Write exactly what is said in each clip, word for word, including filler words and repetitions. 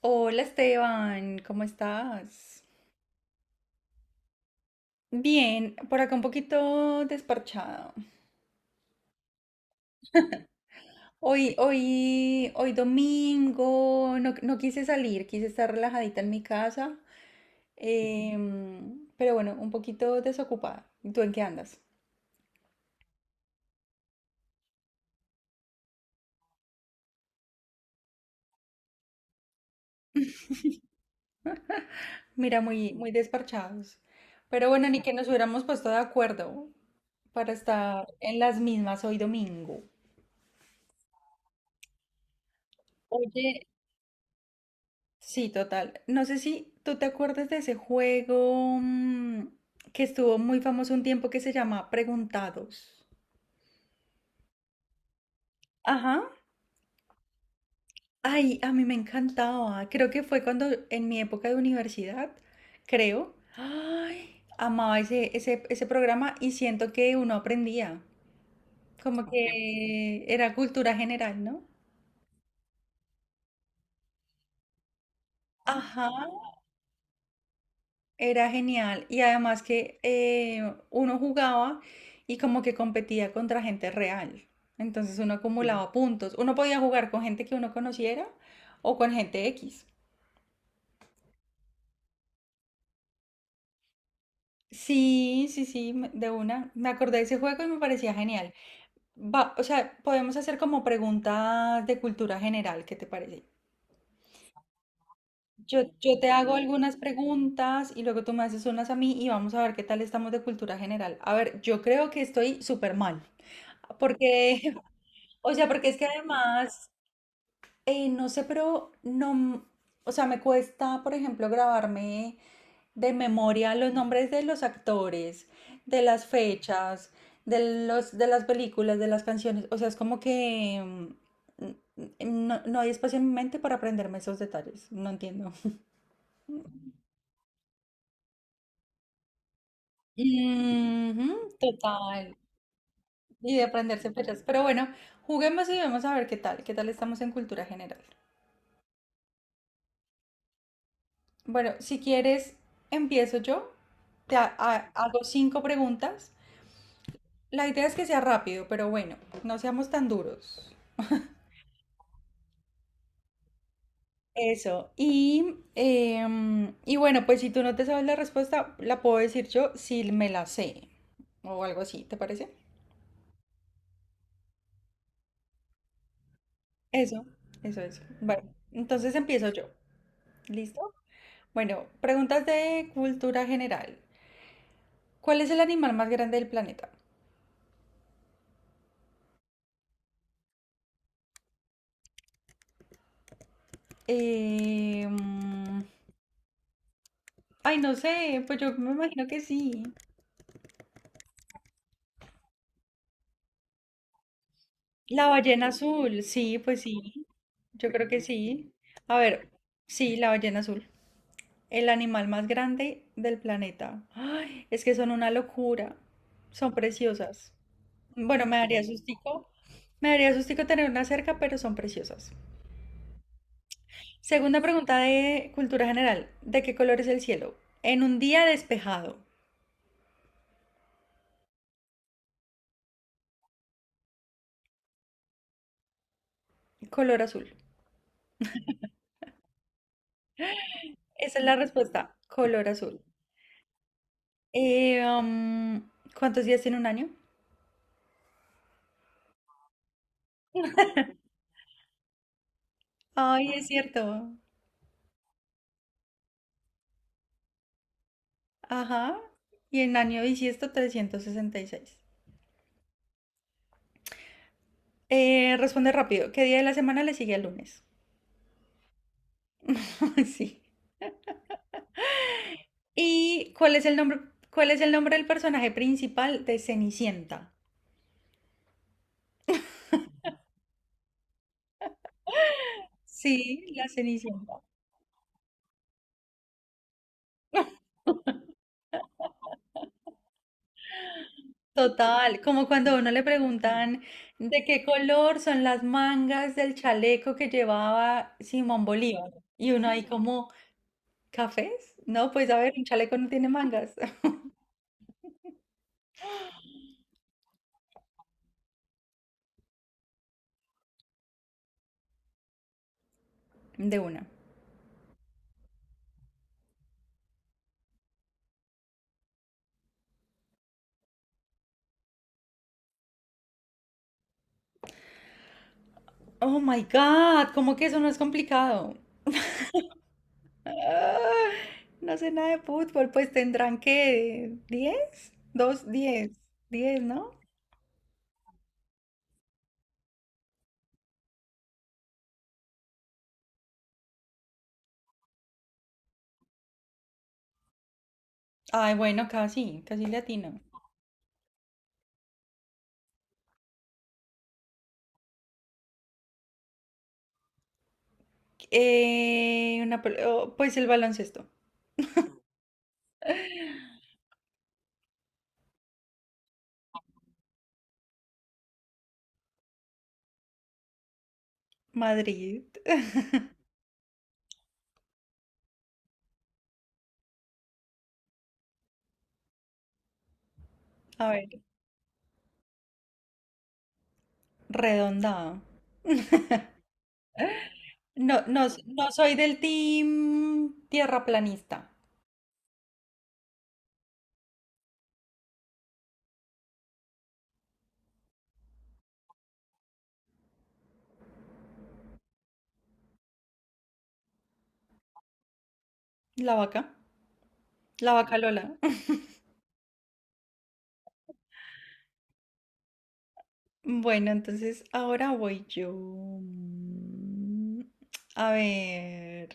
Hola Esteban, ¿cómo estás? Bien, por acá un poquito desparchado. Hoy, hoy, hoy domingo, no, no quise salir, quise estar relajadita en mi casa, em, pero bueno, un poquito desocupada. ¿Y tú en qué andas? Mira, muy, muy desparchados. Pero bueno, ni que nos hubiéramos puesto de acuerdo para estar en las mismas hoy domingo. Sí, total. No sé si tú te acuerdas de ese juego mm, que estuvo muy famoso un tiempo que se llama Preguntados. Ajá. Ay, a mí me encantaba. Creo que fue cuando en mi época de universidad, creo. Ay, amaba ese, ese, ese programa y siento que uno aprendía. Como que era cultura general, ¿no? Ajá. Era genial y además que eh, uno jugaba y como que competía contra gente real. Entonces uno sí, acumulaba puntos. Uno podía jugar con gente que uno conociera o con gente X. Sí, sí, sí, me- de una. Me acordé de ese juego y me parecía genial. Va- o sea, podemos hacer como preguntas de cultura general, ¿qué te parece? Yo, yo te hago algunas preguntas y luego tú me haces unas a mí y vamos a ver qué tal estamos de cultura general. A ver, yo creo que estoy súper mal. Porque, o sea, porque es que además, eh, no sé, pero no, m- o sea, me cuesta, por ejemplo, grabarme de memoria los nombres de los actores, de las fechas, de los, de las películas, de las canciones. O sea, es como que mm, n- no, no hay espacio en mi mente para aprenderme esos detalles. No entiendo. Ujú, total. Y de aprenderse fechas. Pero bueno, juguemos y vemos a ver qué tal. ¿Qué tal estamos en cultura general? Bueno, si quieres, empiezo yo. Te ha- ha- hago cinco preguntas. La idea es que sea rápido, pero bueno, no seamos tan duros. Eso. Y, em, y bueno, pues si tú no te sabes la respuesta, la puedo decir yo si me la sé o algo así, ¿te parece? Eso, eso, eso. Bueno, entonces empiezo yo. ¿Listo? Bueno, preguntas de cultura general. ¿Cuál es el animal más grande del planeta? Em, Ay, no sé, pues yo me imagino que sí. La ballena azul, sí, pues sí. Yo creo que sí. A ver, sí, la ballena azul. El animal más grande del planeta. Ay, es que son una locura. Son preciosas. Bueno, me daría sustico. Me daría sustico tener una cerca, pero son preciosas. Segunda pregunta de cultura general. ¿De qué color es el cielo? En un día despejado. Color azul. Esa es la respuesta. Color azul. Eh, am, ¿cuántos días tiene un año? Ay, es cierto. Ajá. Y en año bisiesto trescientos sesenta y seis. Eh, responde rápido. ¿Qué día de la semana le sigue al lunes? Sí. ¿Y cuál es el nombre, cuál es el nombre del personaje principal de Cenicienta? Sí, la Cenicienta. Total, como cuando a uno le preguntan de qué color son las mangas del chaleco que llevaba Simón Bolívar. Y uno ahí como, ¿cafés? No, pues a ver, un chaleco no tiene mangas. De una. Oh my God, ¿cómo que eso no es complicado? Ah, no sé nada de fútbol, pues tendrán que diez, dos, diez, diez, ¿no? Ay, bueno, casi, casi latino. Eh, una, pel- oh, pues el baloncesto. Madrid. A ver, redondado. No, no, no soy del team tierraplanista. La vaca, la vaca Lola. Bueno, entonces ahora voy yo. Mm, A ver,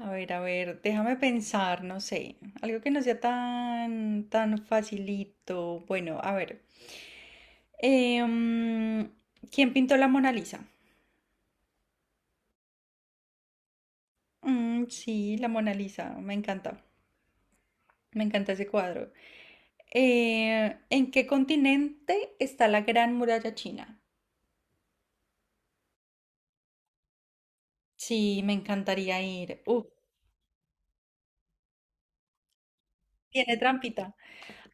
a ver, a ver, déjame pensar, no sé, algo que no sea tan, tan facilito. Bueno, a ver, eh, mm, ¿quién pintó la Mona Lisa? Mm, sí, la Mona Lisa, me encanta, me encanta ese cuadro. Eh, ¿en qué continente está la Gran Muralla China? Sí, me encantaría ir. Uf, tiene trampita.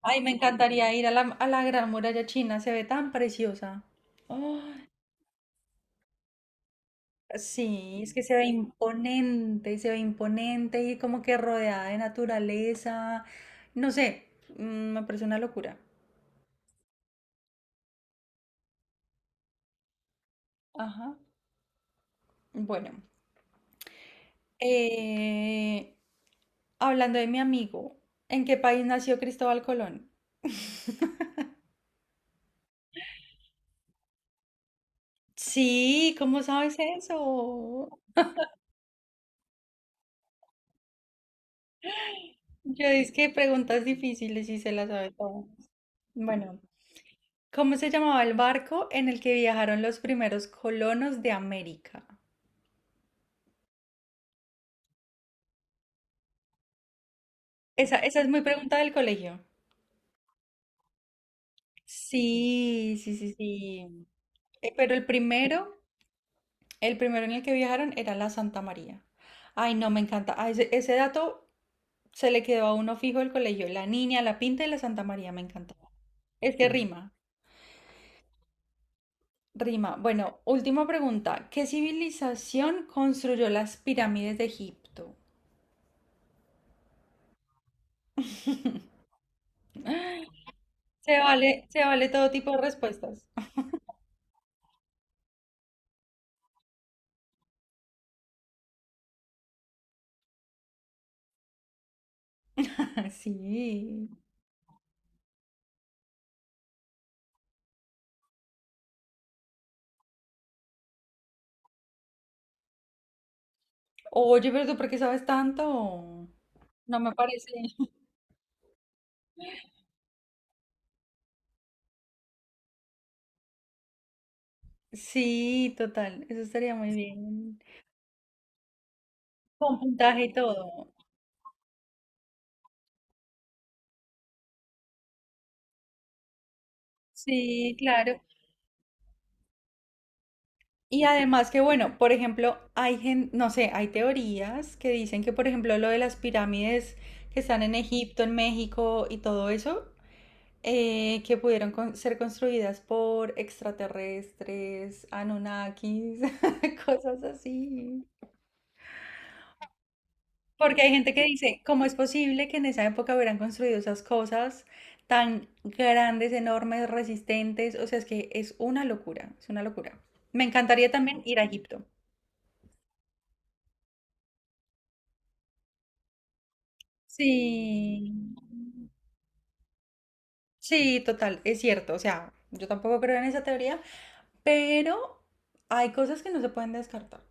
Ay, me encantaría ir a la, a la Gran Muralla China, se ve tan preciosa. Oh, sí, es que se ve imponente, se ve imponente y como que rodeada de naturaleza. No sé, mm, me parece una locura. Ajá. Bueno, eh, hablando de mi amigo, ¿en qué país nació Cristóbal Colón? Sí, ¿cómo sabes eso? Yo es que preguntas difíciles y se las sabe todo. Bueno, ¿cómo se llamaba el barco en el que viajaron los primeros colonos de América? Esa, esa es muy pregunta del colegio. Sí, sí, sí, sí. Eh, pero el primero, el primero en el que viajaron era la Santa María. Ay, no, me encanta. Ah, ese, ese dato se le quedó a uno fijo el colegio. La niña, la pinta y la Santa María, me encantaba. Es que sí, rima, rima. Bueno, última pregunta. ¿Qué civilización construyó las pirámides de Egipto? Se vale, se vale todo tipo de respuestas. Sí. Oye, pero ¿tú por qué sabes tanto? No me parece. Sí, total, eso estaría muy bien. Con puntaje y todo. Sí, claro. Y además que, bueno, por ejemplo, hay gen- no sé, hay teorías que dicen que, por ejemplo, lo de las pirámides que están en Egipto, en México y todo eso, eh, que pudieron con- ser construidas por extraterrestres, Anunnakis, cosas así. Porque hay gente que dice, ¿cómo es posible que en esa época hubieran construido esas cosas tan grandes, enormes, resistentes? O sea, es que es una locura, es una locura. Me encantaría también ir a Egipto. Sí, sí, total, es cierto. O sea, yo tampoco creo en esa teoría, pero hay cosas que no se pueden descartar.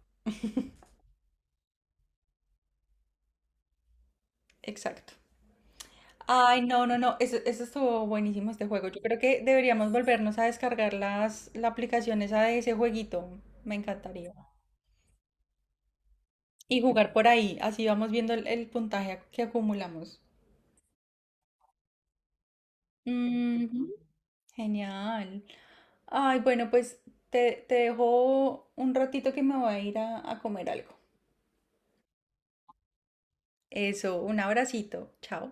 Exacto. Ay, no, no, no, eso, eso estuvo buenísimo este juego. Yo creo que deberíamos volvernos a descargar las, la aplicación esa de ese jueguito. Me encantaría. Y jugar por ahí, así vamos viendo el, el puntaje ac- que acumulamos. Ujú, genial. Ay, bueno, pues te, te dejo un ratito que me voy a ir a, a comer algo. Eso, un abracito. Chao.